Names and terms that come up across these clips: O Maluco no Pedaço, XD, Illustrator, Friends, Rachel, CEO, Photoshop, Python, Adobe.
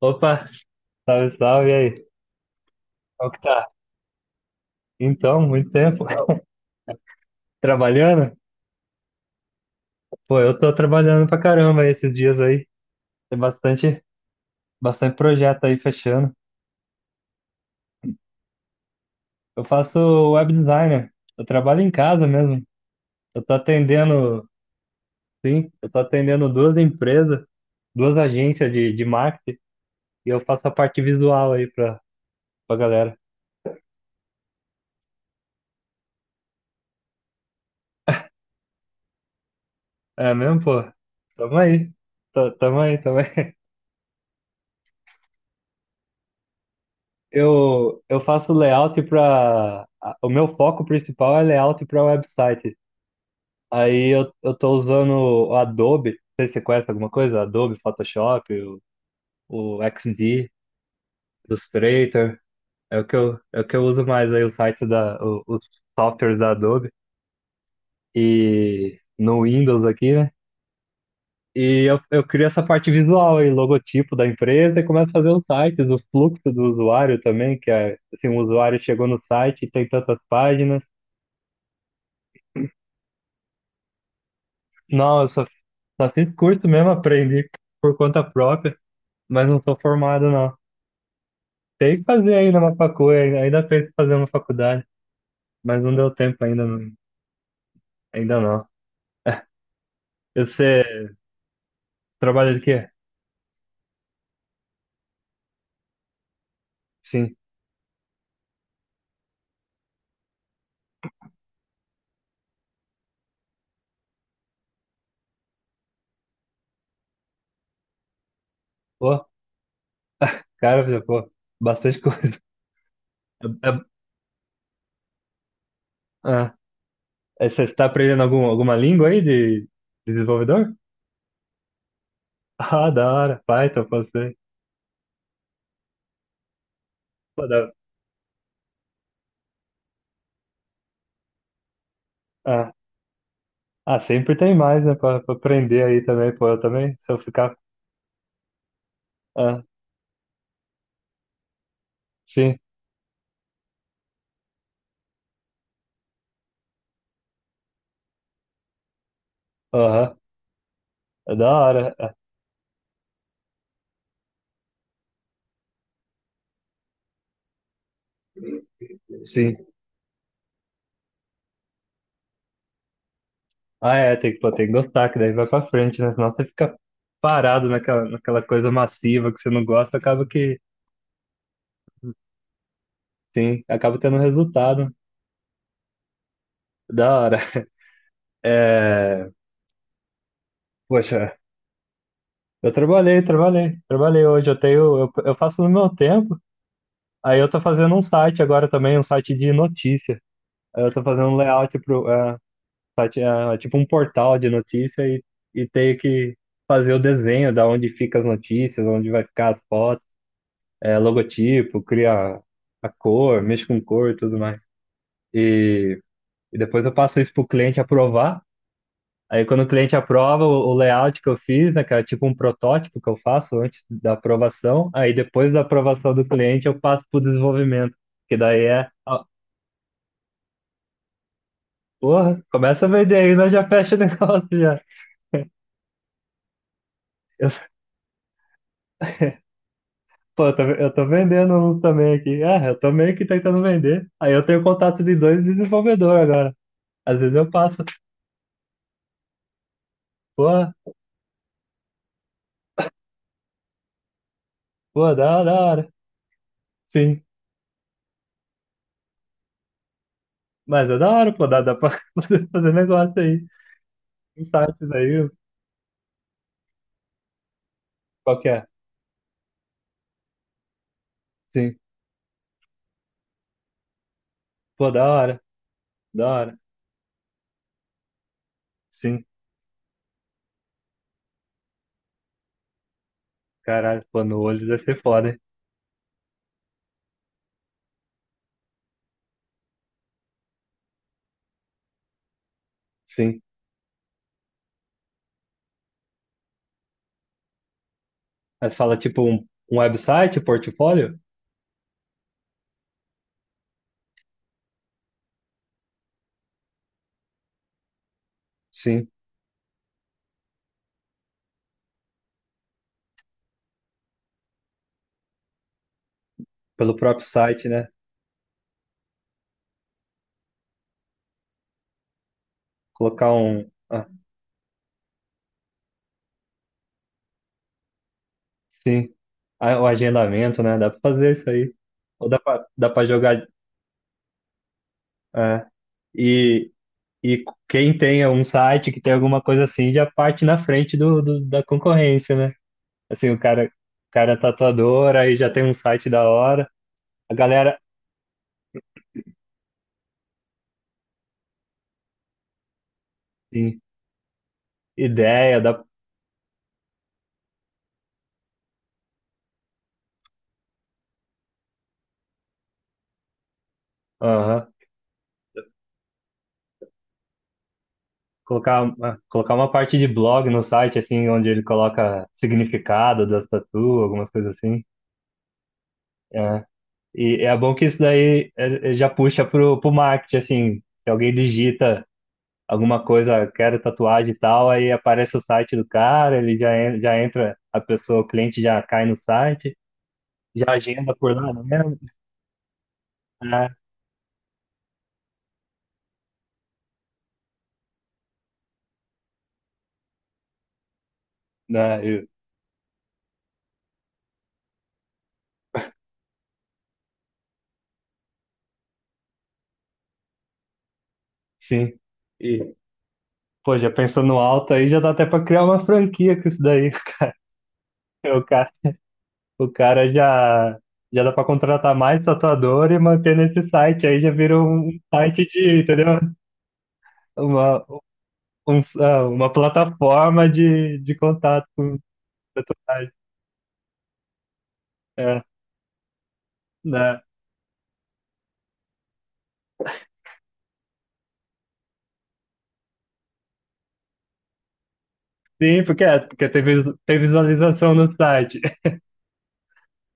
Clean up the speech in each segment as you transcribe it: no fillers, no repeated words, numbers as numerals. Opa, salve, salve, e aí? Qual que tá? Então, muito tempo. Trabalhando? Pô, eu tô trabalhando pra caramba esses dias aí. Tem bastante projeto aí fechando. Eu faço web designer. Eu trabalho em casa mesmo. Eu tô atendendo, sim, eu tô atendendo duas empresas, duas agências de marketing e eu faço a parte visual aí pra galera. É mesmo, pô? Tamo aí. Tamo aí, tamo aí. Eu faço layout para. O meu foco principal é layout para website. Aí eu tô usando o Adobe, não sei se você conhece alguma coisa, Adobe, Photoshop, o XD, Illustrator. É é o que eu uso mais aí, o site da, o- os softwares da Adobe. E no Windows aqui, né? E eu crio essa parte visual aí, logotipo da empresa e começo a fazer os sites, o fluxo do usuário também, que é, assim, o usuário chegou no site tem tantas páginas. Não, só fiz curso mesmo, aprendi por conta própria, mas não sou formado, não. Tem que fazer ainda uma faculdade, ainda tem que fazer uma faculdade, mas não deu tempo ainda, não, ainda não. E você trabalha de quê? Sim. Pô, cara, já, pô, bastante coisa. É- é- ah, é, você está aprendendo alguma língua aí de desenvolvedor? Ah, da hora, Python, passei. Pô, da, ah, ah, sempre tem mais, né, pra aprender aí também, pô, eu também, se eu ficar... Ah, sim. Aham. É da hora. Sim. Ah, é, tem que, pô, tem que gostar, que daí vai pra frente, né? Senão você fica parado naquela coisa massiva que você não gosta, acaba que, sim, acaba tendo resultado. Da hora. É, poxa, eu trabalhei hoje. Eu tenho, eu faço no meu tempo. Aí eu tô fazendo um site agora também, um site de notícia. Aí eu tô fazendo um layout pro site, é, tipo um portal de notícia e tenho que fazer o desenho da onde fica as notícias, onde vai ficar as fotos. É, logotipo, cria a cor, mexe com cor e tudo mais. E, e depois eu passo isso para o cliente aprovar. Aí quando o cliente aprova o layout que eu fiz, né, que é tipo um protótipo que eu faço antes da aprovação, aí depois da aprovação do cliente eu passo para o desenvolvimento, que daí é, ó, porra, começa a vender aí, nós já fecha o negócio já. Eu, pô, eu tô vendendo um também aqui. Ah, eu tô meio que tentando vender. Aí eu tenho contato de dois desenvolvedores agora. Às vezes eu passo, pô, pô, da hora, da hora. Sim. Mas é da hora, pô, dá, dá pra você fazer negócio aí. Insights aí, qual que é? Sim. Pô, da hora, da hora. Sim. Caralho, pô, no olho vai ser foda, hein? Sim. Mas fala tipo um website, um portfólio? Sim. Pelo próprio site, né? Colocar um. Ah, sim. Ah, o agendamento, né? Dá pra fazer isso aí. Ou dá pra jogar. É. E, e quem tem um site que tem alguma coisa assim já parte na frente da concorrência, né? Assim, o cara é tatuador, aí já tem um site da hora. A galera, assim, ideia, da aham. Colocar, colocar uma parte de blog no site, assim, onde ele coloca significado das tatu, algumas coisas assim. É. E é bom que isso daí é, é, já puxa pro marketing, assim, se alguém digita alguma coisa, quero tatuagem e tal, aí aparece o site do cara, ele já, já entra, a pessoa, o cliente já cai no site, já agenda por lá mesmo, né? Né? Sim. E, pô, já pensando alto aí, já dá até pra criar uma franquia com isso daí. O cara, o cara já, já dá pra contratar mais tatuador e manter nesse site. Aí já virou um site de, entendeu? Uma, uma plataforma de contato com tatuagem. É, né? Sim, porque, é, porque tem, tem visualização no site.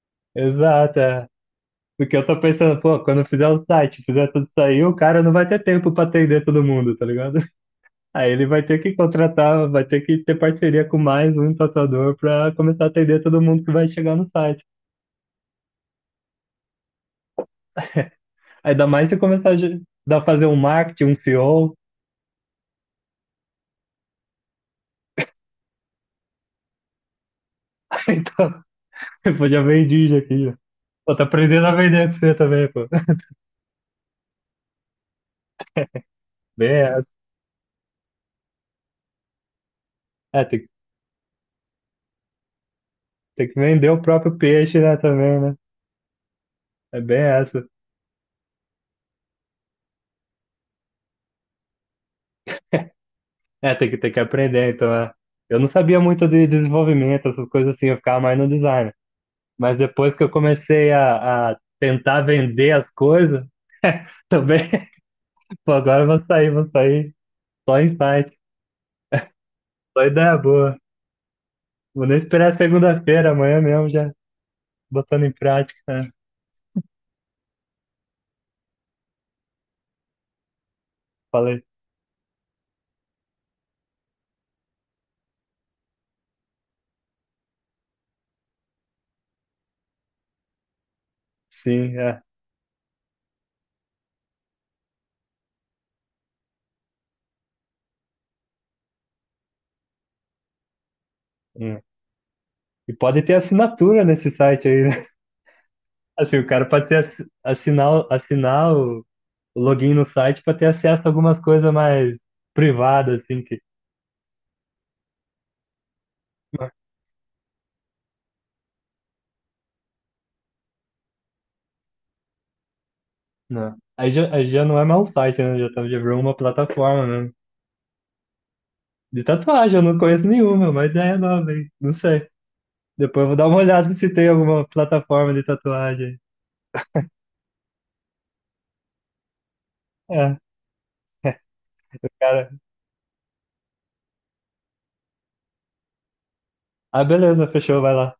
Exato, é. Porque eu tô pensando, pô, quando eu fizer o site, fizer tudo isso aí, o cara não vai ter tempo pra atender todo mundo, tá ligado? Aí ele vai ter que contratar, vai ter que ter parceria com mais um tatuador para começar a atender todo mundo que vai chegar no site. Ainda mais se começar a dar fazer um marketing, um CEO. Então, pô, já vendi já aqui, ó. Pô, tá aprendendo a vender com você também, pô. Bem essa. É, tem, tem que vender o próprio peixe, né, também, né? É bem essa. É, tem que aprender, então, é. Eu não sabia muito de desenvolvimento, essas coisas assim, eu ficava mais no design. Mas depois que eu comecei a tentar vender as coisas, também. Pô, agora eu vou sair, vou sair. Só insight, só ideia boa. Vou nem esperar segunda-feira, amanhã mesmo já botando em prática, né? Falei, sim, é. Hum. E pode ter assinatura nesse site aí, né? Assim, o cara pode ter, assinar, assinar o login no site para ter acesso a algumas coisas mais privadas, assim, que. Não. Aí já não é mais um site, né? Já, já virou uma plataforma mesmo. De tatuagem, eu não conheço nenhuma, mas ideia nova, hein? Não sei. Depois eu vou dar uma olhada se tem alguma plataforma de tatuagem. É, cara. Ah, beleza, fechou, vai lá.